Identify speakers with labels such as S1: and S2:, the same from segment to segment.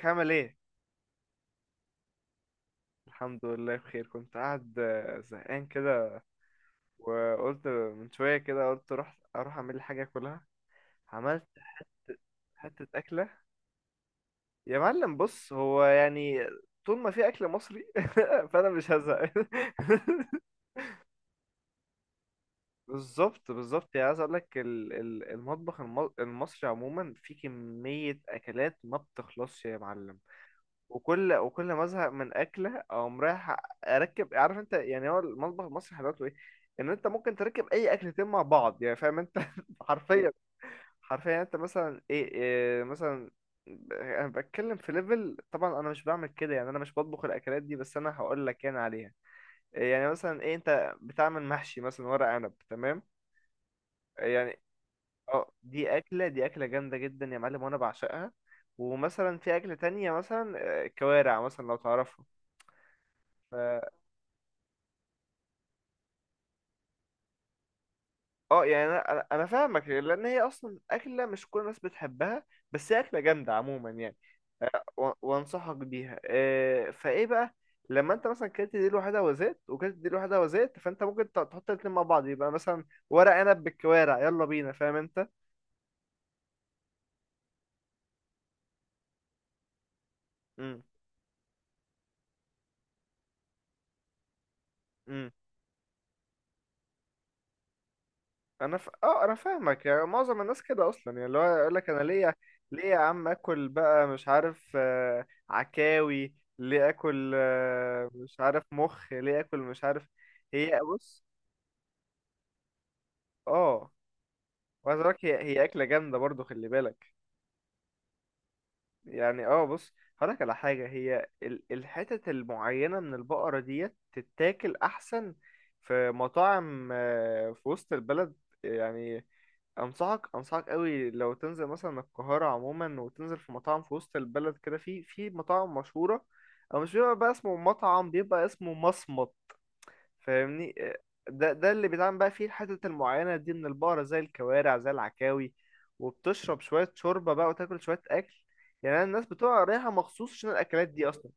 S1: ازيك عامل ايه؟ الحمد لله بخير كنت قاعد زهقان كده. وقلت من شوية كده، قلت اروح اعمل لي حاجة اكلها. عملت حتة أكلة. يا معلم بص هو يعني طول ما في أكل مصري فأنا مش هزهق. بالظبط، بالظبط. يعني عايز اقول لك المطبخ المصري عموما فيه كمية أكلات ما بتخلصش يا معلم. وكل ما ازهق من اكله اقوم رايح اركب. عارف انت يعني هو المطبخ المصري حلاوته ايه؟ ان انت ممكن تركب اي اكلتين مع بعض، يعني فاهم انت؟ حرفيا. حرفيا يعني انت مثلا إيه مثلا؟ انا بتكلم في ليفل، طبعا انا مش بعمل كده، يعني انا مش بطبخ الاكلات دي، بس انا هقول لك يعني عليها. يعني مثلا ايه، انت بتعمل محشي مثلا ورق عنب تمام. يعني اه، دي اكله، دي اكله جامده جدا يا معلم، وانا بعشقها. ومثلا في اكله تانية مثلا كوارع مثلا، لو تعرفها. اه، يعني انا أنا فاهمك، لان هي اصلا اكله مش كل الناس بتحبها، بس هي اكله جامده عموما يعني. وانصحك بيها. فايه بقى؟ لما انت مثلا كلت دي لوحدها وزيت، وكلت دي لوحدها وزيت، فانت ممكن تحط الاتنين مع بعض، يبقى مثلا ورق عنب بالكوارع، يلا بينا، فاهم انت؟ امم، انا ف... اه انا فاهمك. يعني معظم الناس كده اصلا، يعني اللي هو يقول لك انا ليه؟ ليه يا عم اكل بقى مش عارف عكاوي، ليه اكل مش عارف مخ، ليه اكل مش عارف. هي بص، اه، وعايز اقول لك هي، هي اكله جامده برضو، خلي بالك يعني. اه بص، هقول لك على حاجه. هي الحتت المعينه من البقره ديت تتاكل احسن في مطاعم في وسط البلد يعني. انصحك، انصحك قوي لو تنزل مثلا القاهره عموما، وتنزل في مطاعم في وسط البلد كده، في مطاعم مشهوره، او مش بيبقى بقى اسمه مطعم، بيبقى اسمه مصمت. فاهمني ده، ده اللي بيتعمل بقى فيه الحتت المعينه دي من البقره، زي الكوارع، زي العكاوي. وبتشرب شويه شوربه بقى، وتاكل شويه اكل، يعني. أنا الناس بتبقى رايحه مخصوص عشان الاكلات دي اصلا.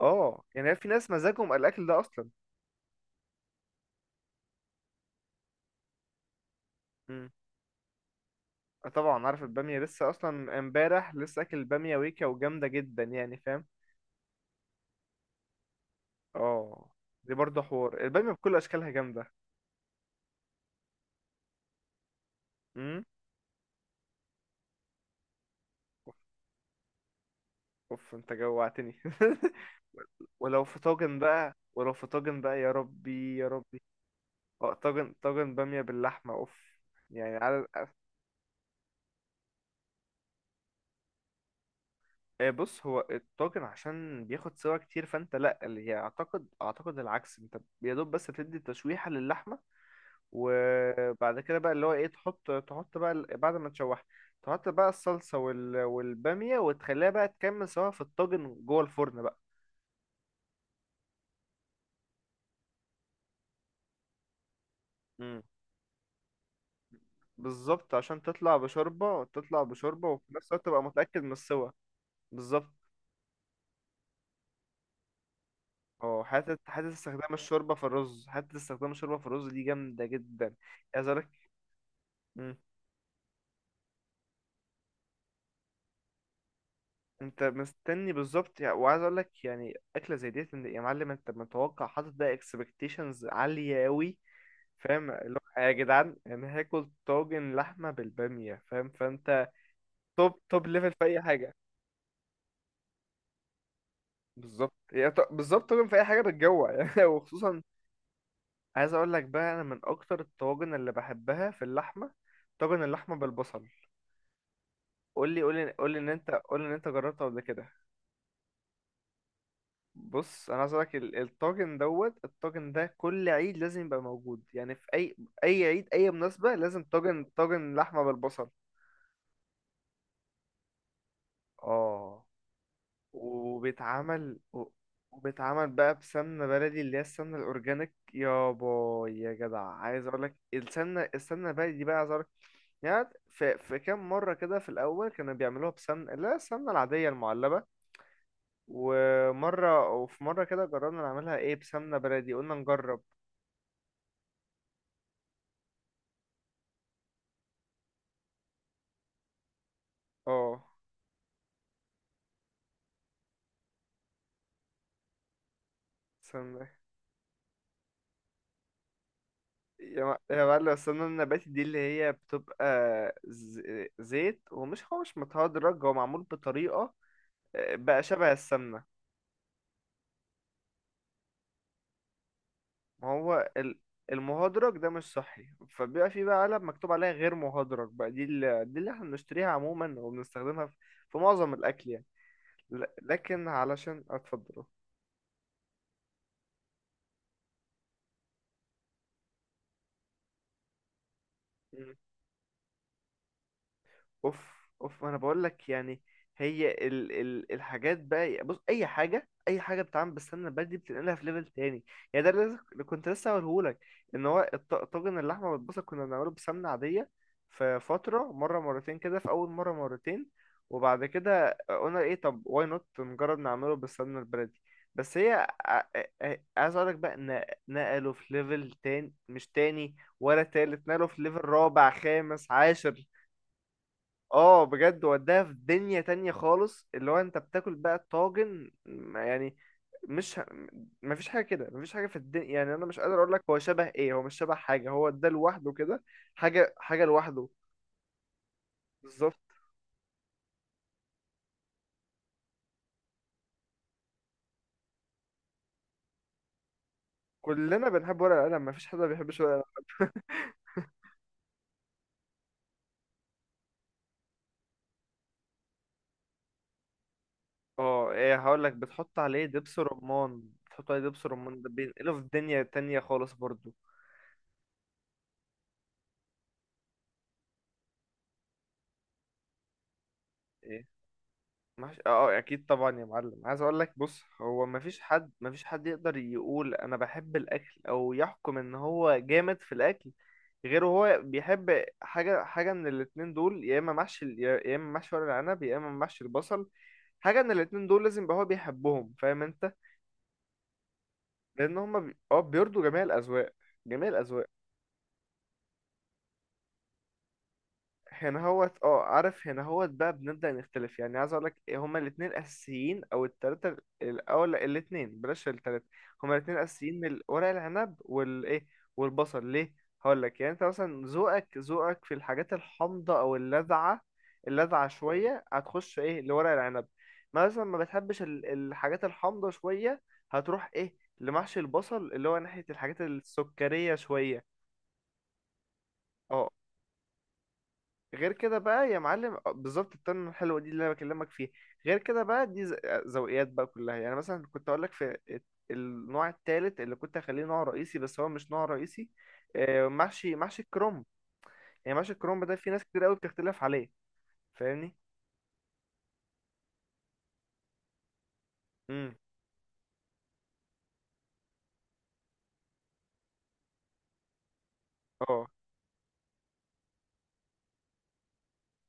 S1: اه يعني في ناس مزاجهم الاكل ده اصلا. مم. طبعا عارف الباميه، لسه اصلا امبارح لسه اكل باميه ويكا، وجامده جدا يعني، فاهم. اه، دي برضه حوار البامية بكل اشكالها جامدة. امم، اوف، أوف، انت جوعتني. ولو في طاجن بقى، ولو في طاجن بقى، يا ربي يا ربي. اه طاجن، طاجن بامية باللحمة، اوف. يعني على بص، هو الطاجن عشان بياخد سوا كتير، فانت لا، اللي هي اعتقد العكس، انت يا دوب بس تدي تشويحة للحمة، وبعد كده بقى اللي هو ايه، تحط بقى بعد ما تشوح تحط بقى الصلصة والبامية، وتخليها بقى تكمل سوا في الطاجن جوه الفرن بقى. مم. بالظبط، عشان تطلع بشوربة، تطلع بشوربة، وفي نفس الوقت تبقى متأكد من السوا. بالظبط اه، حتة، حتة استخدام الشوربة في الرز، حتة استخدام الشوربة في الرز دي جامدة جدا. عايز اقولك، مم. انت مستني بالظبط يعني. وعايز اقولك يعني أكلة زي ديت، يا معلم انت متوقع، حاطط ده اكسبكتيشنز عالية أوي. فاهم اللي هو يا جدعان، يعني هاكل طاجن لحمة بالبامية، فاهم، فانت توب، توب ليفل في أي حاجة. بالظبط، بالظبط طبعا في اي حاجه بتجوع يعني وخصوصا عايز اقول لك بقى، انا من اكتر الطواجن اللي بحبها في اللحمه، طاجن اللحمه بالبصل. قول لي ان انت، قول لي ان انت جربته قبل كده. بص انا عايز اقول لك الطاجن دوت، الطاجن ده كل عيد لازم يبقى موجود، يعني في اي عيد، اي مناسبه، لازم طاجن، طاجن لحمه بالبصل. اه وبيتعمل وبيتعمل بقى بسمنة بلدي، اللي هي السمنة الأورجانيك، يا باي يا جدع. عايز أقولك السمنة، السمنة البلدي بقى، عايز أقولك. يعني في كام مرة كده في الأول كانوا بيعملوها بسمنة، لا، السمنة العادية المعلبة. ومرة وفي مرة كده جربنا نعملها إيه، بسمنة بلدي، قلنا نجرب. اه سمنة. يا معلم السمنة النباتي دي، اللي هي بتبقى ز- زيت، ومش هو مش متهدرج، هو معمول بطريقة بقى شبه السمنة. ما هو المهدرج ده مش صحي، فبيبقى في بقى علب مكتوب عليها غير مهدرج بقى، دي دي اللي احنا بنشتريها عموما، وبنستخدمها في معظم الأكل يعني. لكن علشان اتفضل. اوف، اوف، انا بقول لك يعني هي ال ال الحاجات بقى، بص، اي حاجه، اي حاجه بتتعمل بالسمنه البلدي بتنقلها في ليفل تاني يعني. ده اللي اللي كنت لسه هقوله لك. ان هو طاجن اللحمه والبصل كنا بنعمله بسمنه عاديه في فتره، مره مرتين كده، في اول مره مرتين، وبعد كده قلنا ايه، طب واي نوت نجرب نعمله بالسمنه البلدي. بس هي ع- ع- ع- عايز اقول لك بقى ان نقله في ليفل تاني، مش تاني ولا تالت، نقله في ليفل رابع، خامس، عاشر. اه بجد، وداها في دنيا تانية خالص، اللي هو انت بتاكل بقى طاجن ما يعني، مش ه... مفيش حاجة كده، مفيش حاجة في الدنيا، يعني انا مش قادر اقول لك هو شبه ايه، هو مش شبه حاجة، هو ده لوحده كده، حاجة، حاجة لوحده. بالظبط. كلنا بنحب ورق القلم، مفيش حد ما بيحبش ورق القلم. اه ايه، هقول لك، بتحط عليه دبس رمان، بتحط عليه دبس رمان، ده بينقله في دنيا تانية خالص برضو. مش... اه اكيد طبعا يا معلم. عايز اقول لك، بص هو مفيش حد، مفيش حد يقدر يقول انا بحب الاكل، او يحكم ان هو جامد في الاكل، غير هو بيحب حاجه، حاجه من الاتنين دول، يا اما محشي يا اما محشي ورق العنب، يا اما محشي البصل. حاجه من الاتنين دول لازم يبقى هو بيحبهم، فاهم انت؟ لان هما اه بيرضوا جميع الاذواق، جميع الاذواق. هنا هوت، اه عارف، هنا هوت بقى بنبدأ نختلف. يعني عايز اقولك إيه، هما الاتنين اساسيين، او التلاتة او لا، الاتنين، بلاش التلاتة. هما الاتنين اساسيين، من ورق العنب والايه، والبصل. ليه؟ هقولك، يعني انت مثلا ذوقك، ذوقك في الحاجات الحامضة او اللاذعة، اللاذعة شوية، هتخش ايه لورق العنب. مثلا ما بتحبش الحاجات الحامضة شوية، هتروح ايه لمحشي البصل، اللي هو ناحية الحاجات السكرية شوية. اه غير كده بقى يا معلم بالظبط، التونه الحلوه دي اللي انا بكلمك فيها. غير كده بقى دي ذوقيات بقى كلها. يعني مثلا كنت اقول لك في النوع التالت اللي كنت هخليه نوع رئيسي، بس هو مش نوع رئيسي. محشي، محشي الكرنب. يعني محشي الكرنب ده في ناس كتير قوي بتختلف عليه، فاهمني. امم، اه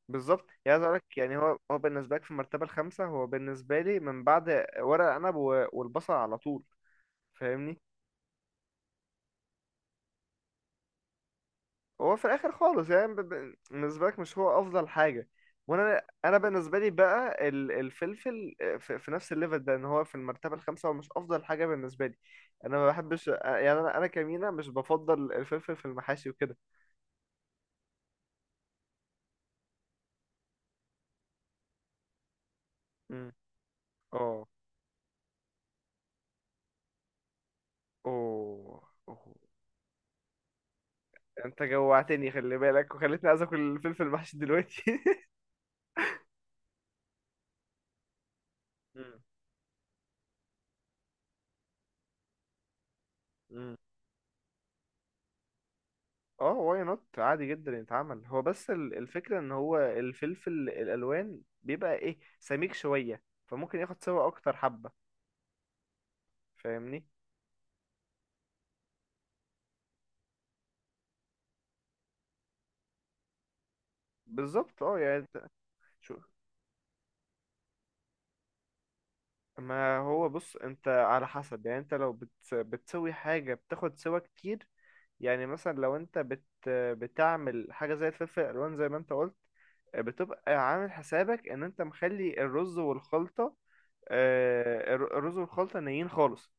S1: بالظبط. يعني عايز اقول لك، يعني هو بالنسبه لك في المرتبه الخامسه، هو بالنسبه لي من بعد ورق عنب والبصل على طول، فاهمني. هو في الاخر خالص يعني، بالنسبه لك مش هو افضل حاجه. انا بالنسبه لي بقى الفلفل في نفس الليفل ده، ان هو في المرتبه الخامسه، هو مش افضل حاجه بالنسبه لي. انا ما بحبش، يعني انا كمينة مش بفضل الفلفل في المحاشي وكده. مم. اه، اوه، اوه. انت جوعتني، خلي بالك، وخليتني عايز اكل الفلفل المحشي دلوقتي. مم. مم. اه، واي نوت عادي جدا يتعمل هو. بس الفكرة ان هو الفلفل الالوان بيبقى ايه، سميك شوية، فممكن ياخد سوا اكتر حبة، فاهمني. بالظبط اه، يعني شو- ما هو بص، انت على حسب، يعني انت لو بتسوي حاجة بتاخد سوا كتير. يعني مثلا لو انت بتعمل حاجة زي الفلفل الالوان زي ما انت قلت، بتبقى عامل حسابك ان انت مخلي الرز والخلطة، الرز والخلطة نيين خالص.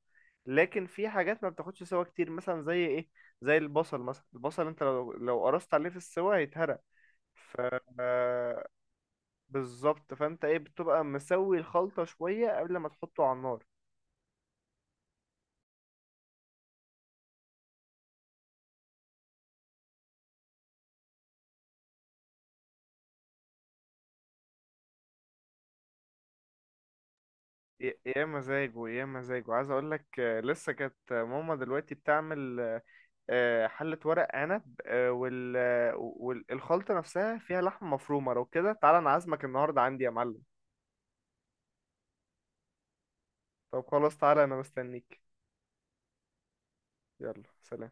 S1: لكن في حاجات ما بتاخدش سوا كتير، مثلا زي ايه، زي البصل مثلا. البصل انت لو قرصت عليه في السوا هيتهرق. ف آه، بالظبط، فانت ايه، بتبقى مسوي الخلطة شوية قبل ما تحطه على النار. يا مزاجه، يا مزاجه. عايز اقول لك لسه كانت ماما دلوقتي بتعمل حلة ورق عنب، والخلطة نفسها فيها لحمة مفرومة. لو كده تعالى، انا عازمك النهاردة عندي يا معلم. طب خلاص تعالى، انا مستنيك. يلا سلام.